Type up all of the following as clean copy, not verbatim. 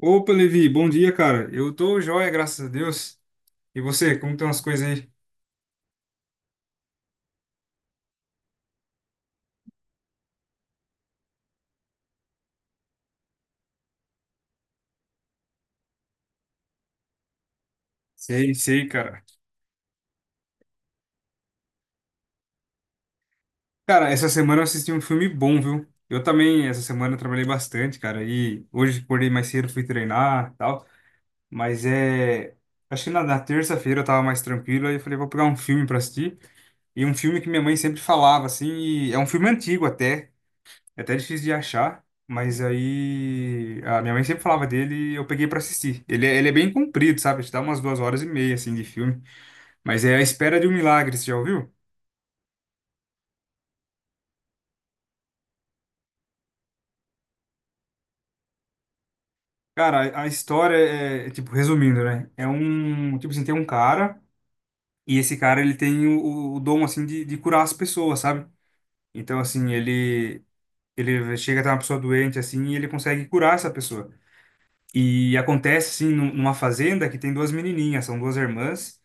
Opa, Levi, bom dia, cara. Eu tô joia, graças a Deus. E você, como estão as coisas aí? Sei, sei, cara. Cara, essa semana eu assisti um filme bom, viu? Eu também, essa semana, eu trabalhei bastante, cara. E hoje acordei mais cedo, fui treinar e tal. Mas é. Acho que na terça-feira eu tava mais tranquilo. Aí eu falei, vou pegar um filme pra assistir. E um filme que minha mãe sempre falava, assim. E é um filme antigo até. É até difícil de achar, mas aí a minha mãe sempre falava dele e eu peguei pra assistir. Ele é bem comprido, sabe? Te dá umas duas horas e meia, assim, de filme. Mas é A Espera de um Milagre, você já ouviu? Cara, a história é, tipo, resumindo, né? É um, tipo assim, tem um cara e esse cara, ele tem o dom, assim, de curar as pessoas, sabe? Então, assim, ele chega a ter uma pessoa doente, assim, e ele consegue curar essa pessoa. E acontece, assim, numa fazenda que tem duas menininhas, são duas irmãs.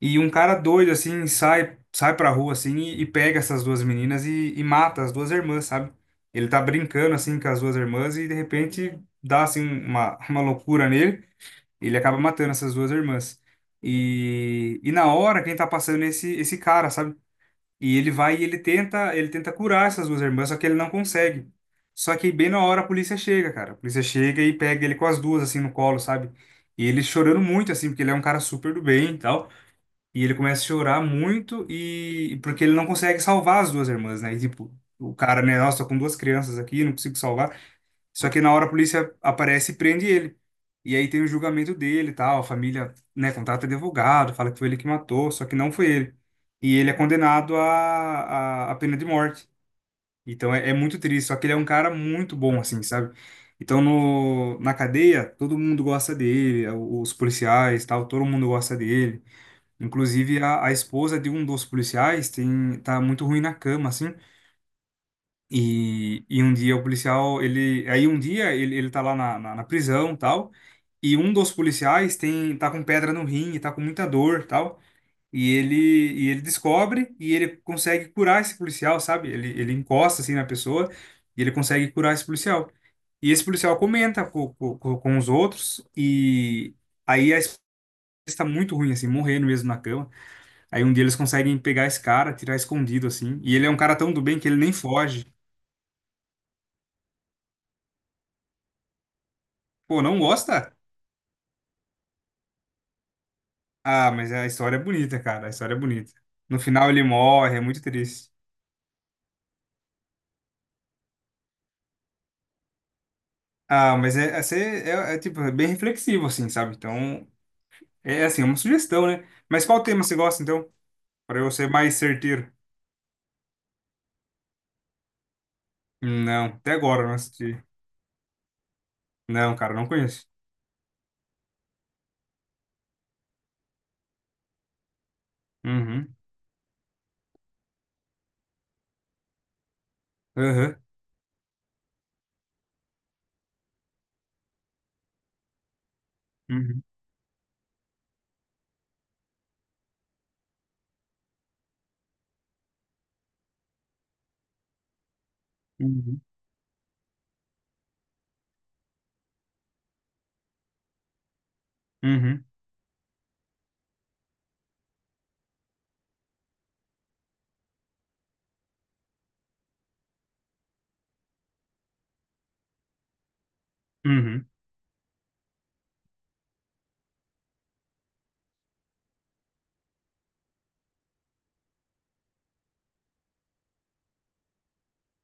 E um cara doido, assim, sai pra rua, assim, e pega essas duas meninas e mata as duas irmãs, sabe? Ele tá brincando, assim, com as duas irmãs e, de repente, dá, assim, uma, uma loucura nele. E ele acaba matando essas duas irmãs. E na hora, quem tá passando é esse cara, sabe? E ele vai e ele tenta curar essas duas irmãs, só que ele não consegue. Só que bem na hora a polícia chega, cara. A polícia chega e pega ele com as duas, assim, no colo, sabe? E ele chorando muito, assim, porque ele é um cara super do bem e tal. E ele começa a chorar muito e porque ele não consegue salvar as duas irmãs, né? E, tipo, o cara, né, nossa, tô com duas crianças aqui, não consigo salvar. Só que na hora a polícia aparece e prende ele. E aí tem o julgamento dele, e tal, a família, né, contrata advogado, fala que foi ele que matou, só que não foi ele. E ele é condenado à pena de morte. Então é muito triste, só que ele é um cara muito bom assim, sabe? Então no na cadeia, todo mundo gosta dele, os policiais, tal, todo mundo gosta dele. Inclusive, a esposa de um dos policiais tá muito ruim na cama, assim. E um dia o policial, ele. Aí um dia ele tá lá na prisão, tal. E um dos policiais tá com pedra no rim, e tá com muita dor, tal. E ele, e ele descobre e ele consegue curar esse policial, sabe? Ele encosta, assim, na pessoa e ele consegue curar esse policial. E esse policial comenta com os outros e aí a esposa está muito ruim, assim, morrendo mesmo na cama. Aí um dia eles conseguem pegar esse cara, tirar escondido assim. E ele é um cara tão do bem que ele nem foge. Pô, não gosta? Ah, mas a história é bonita, cara. A história é bonita. No final ele morre, é muito triste. Ah, mas é, tipo, é bem reflexivo, assim, sabe? Então, é assim, é uma sugestão, né? Mas qual tema você gosta, então? Pra eu ser mais certeiro. Não, até agora eu não assisti. Não, cara, não conheço. Uhum. Aham. Uhum. Uhum. Uhum. Uhum.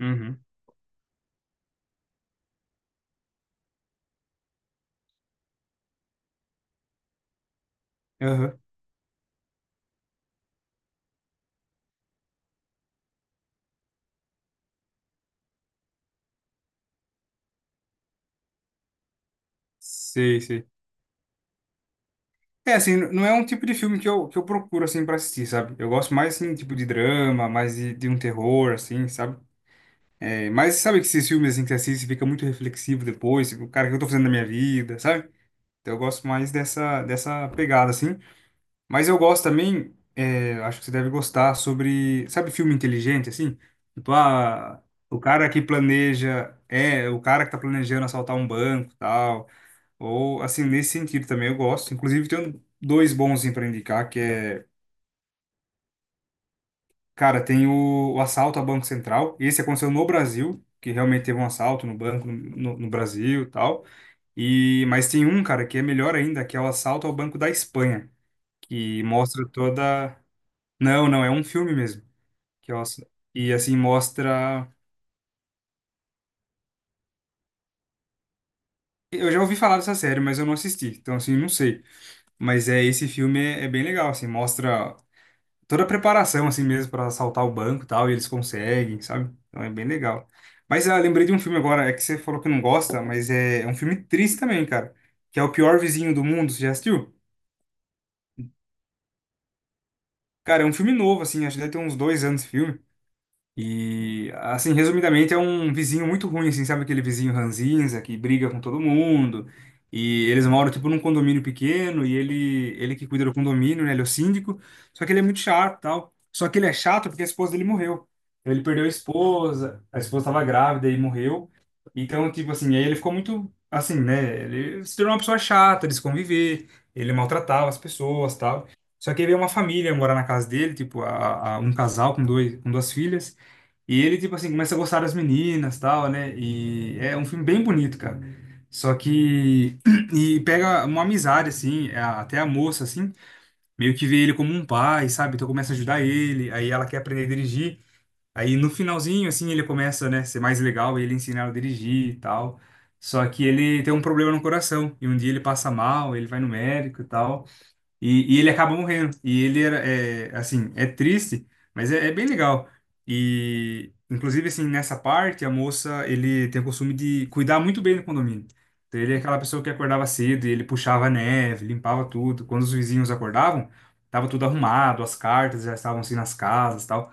Uhum. Aham. Sei, sei. É, assim, não é um tipo de filme que eu, procuro, assim, pra assistir, sabe? Eu gosto mais, assim, tipo de drama, mais de um terror, assim, sabe? É, mas sabe que esses filmes, assim, que você assiste fica muito reflexivo depois, tipo, cara, o que eu tô fazendo na minha vida, sabe? Então eu gosto mais dessa pegada, assim. Mas eu gosto também, é, acho que você deve gostar, sobre, sabe, filme inteligente, assim? Tipo, ah, o cara que planeja, é, o cara que tá planejando assaltar um banco, tal. Ou, assim, nesse sentido também eu gosto. Inclusive, tenho dois bons assim, para indicar, que é. Cara, tem o assalto a Banco Central. Esse aconteceu no Brasil, que realmente teve um assalto no banco no Brasil e tal. E, mas tem um, cara, que é melhor ainda, que é o assalto ao Banco da Espanha, que mostra toda. Não, não, é um filme mesmo. Que é o ass-. E, assim, mostra. Eu já ouvi falar dessa série, mas eu não assisti. Então, assim, não sei. Mas é esse filme é bem legal, assim, mostra toda a preparação, assim mesmo, para assaltar o banco e tal, e eles conseguem, sabe? Então é bem legal. Mas ah, lembrei de um filme agora, é que você falou que não gosta, mas é um filme triste também, cara. Que é O Pior Vizinho do Mundo, você já assistiu? Cara, é um filme novo, assim, acho que deve ter uns dois anos esse filme. E, assim, resumidamente, é um vizinho muito ruim, assim, sabe aquele vizinho ranzinza que briga com todo mundo. E eles moram, tipo, num condomínio pequeno e ele que cuida do condomínio, né? Ele é o síndico. Só que ele é muito chato, tal. Só que ele é chato porque a esposa dele morreu. Então, ele perdeu a esposa estava grávida e morreu. Então, tipo assim, aí ele ficou muito, assim, né? Ele se tornou uma pessoa chata de se conviver, ele maltratava as pessoas, tal. Só que aí veio uma família morar na casa dele, tipo, um casal com duas filhas. E ele, tipo assim, começa a gostar das meninas, tal, né? E é um filme bem bonito, cara. Só que e pega uma amizade assim, até a moça assim, meio que vê ele como um pai, sabe? Então começa a ajudar ele, aí ela quer aprender a dirigir. Aí no finalzinho assim, ele começa, né, ser mais legal, ele ensina ela a dirigir e tal. Só que ele tem um problema no coração e um dia ele passa mal, ele vai no médico e tal. E ele acaba morrendo. E ele era, é, assim, é triste, mas é bem legal. E, inclusive, assim, nessa parte, a moça, ele tem o costume de cuidar muito bem do condomínio. Então, ele é aquela pessoa que acordava cedo e ele puxava a neve, limpava tudo. Quando os vizinhos acordavam, tava tudo arrumado, as cartas já estavam, assim, nas casas e tal.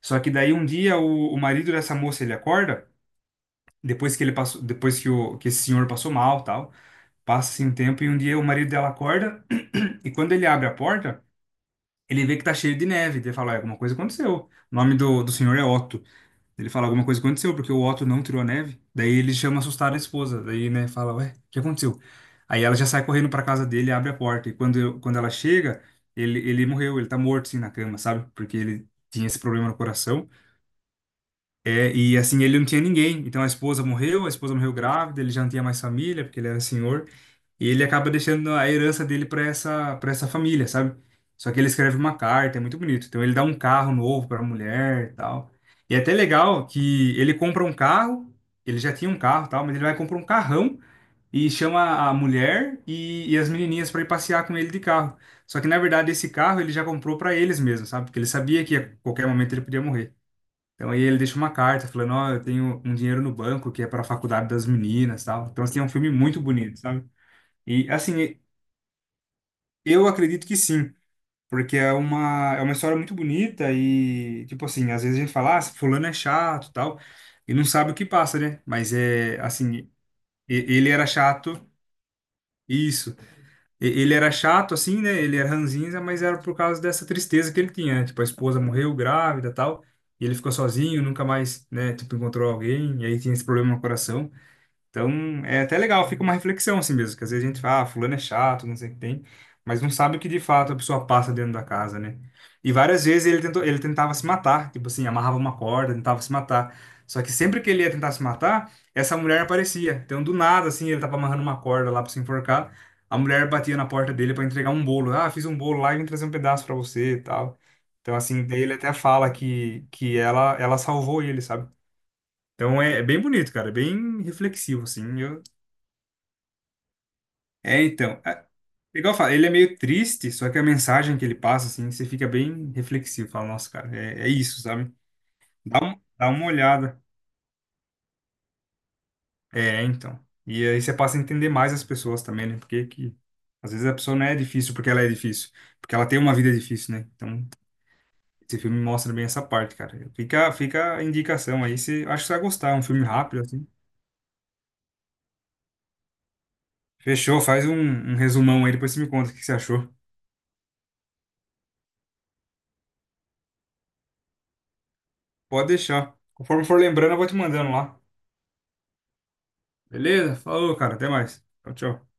Só que daí, um dia, o marido dessa moça, ele acorda, depois que ele passou, depois que, que esse senhor passou mal, tal. Passa, assim, um tempo e um dia o marido dela acorda e quando ele abre a porta, ele vê que tá cheio de neve. Ele fala, "Ah, alguma coisa aconteceu." O nome do senhor é Otto. Ele fala, alguma coisa aconteceu, porque o Otto não tirou a neve. Daí ele chama assustado a esposa. Daí, né, fala, ué, o que aconteceu? Aí ela já sai correndo pra casa dele, abre a porta. E quando, quando ela chega, ele morreu, ele tá morto, assim, na cama, sabe? Porque ele tinha esse problema no coração. É, e, assim, ele não tinha ninguém. Então a esposa morreu grávida, ele já não tinha mais família, porque ele era senhor. E ele acaba deixando a herança dele para essa, família, sabe? Só que ele escreve uma carta, é muito bonito. Então ele dá um carro novo para a mulher e tal. E é até legal que ele compra um carro, ele já tinha um carro e tal, mas ele vai comprar um carrão e chama a mulher e as menininhas para ir passear com ele de carro. Só que na verdade esse carro ele já comprou para eles mesmos, sabe? Porque ele sabia que a qualquer momento ele podia morrer. Então aí ele deixa uma carta falando, ó, eu tenho um dinheiro no banco que é para a faculdade das meninas, e tal. Então assim, é um filme muito bonito, sabe? E assim, eu acredito que sim, porque é uma história muito bonita e, tipo assim, às vezes a gente fala, ah, esse fulano é chato, e tal, e não sabe o que passa, né? Mas é, assim, ele era chato, isso. Ele era chato, assim, né? Ele era ranzinza, mas era por causa dessa tristeza que ele tinha, né? Tipo, a esposa morreu grávida, e tal, e ele ficou sozinho, nunca mais, né, tipo, encontrou alguém, e aí tinha esse problema no coração. Então, é até legal, fica uma reflexão assim mesmo, que às vezes a gente fala, ah, fulano é chato, não sei o que tem, mas não sabe o que de fato a pessoa passa dentro da casa, né? E várias vezes ele tentou, ele tentava se matar, tipo assim, amarrava uma corda, tentava se matar. Só que sempre que ele ia tentar se matar, essa mulher aparecia. Então, do nada, assim, ele tava amarrando uma corda lá pra se enforcar, a mulher batia na porta dele pra entregar um bolo. Ah, fiz um bolo lá e vim trazer um pedaço pra você e tal. Então, assim, daí ele até fala que ela, salvou ele, sabe? Então é bem bonito, cara, é bem reflexivo, assim. Eu, é, então, é, igual eu falo, ele é meio triste, só que a mensagem que ele passa, assim, você fica bem reflexivo, fala, nossa, cara, é isso, sabe? Dá uma olhada. É, então. E aí você passa a entender mais as pessoas também, né? Porque que, às vezes a pessoa não é difícil porque ela é difícil, porque ela tem uma vida difícil, né? Então, esse filme mostra bem essa parte, cara. Fica a indicação aí, você, acho que você vai gostar, é um filme rápido, assim. Fechou, faz um resumão aí, depois você me conta o que você achou. Pode deixar. Conforme for lembrando, eu vou te mandando lá. Beleza? Falou, cara. Até mais. Tchau, tchau.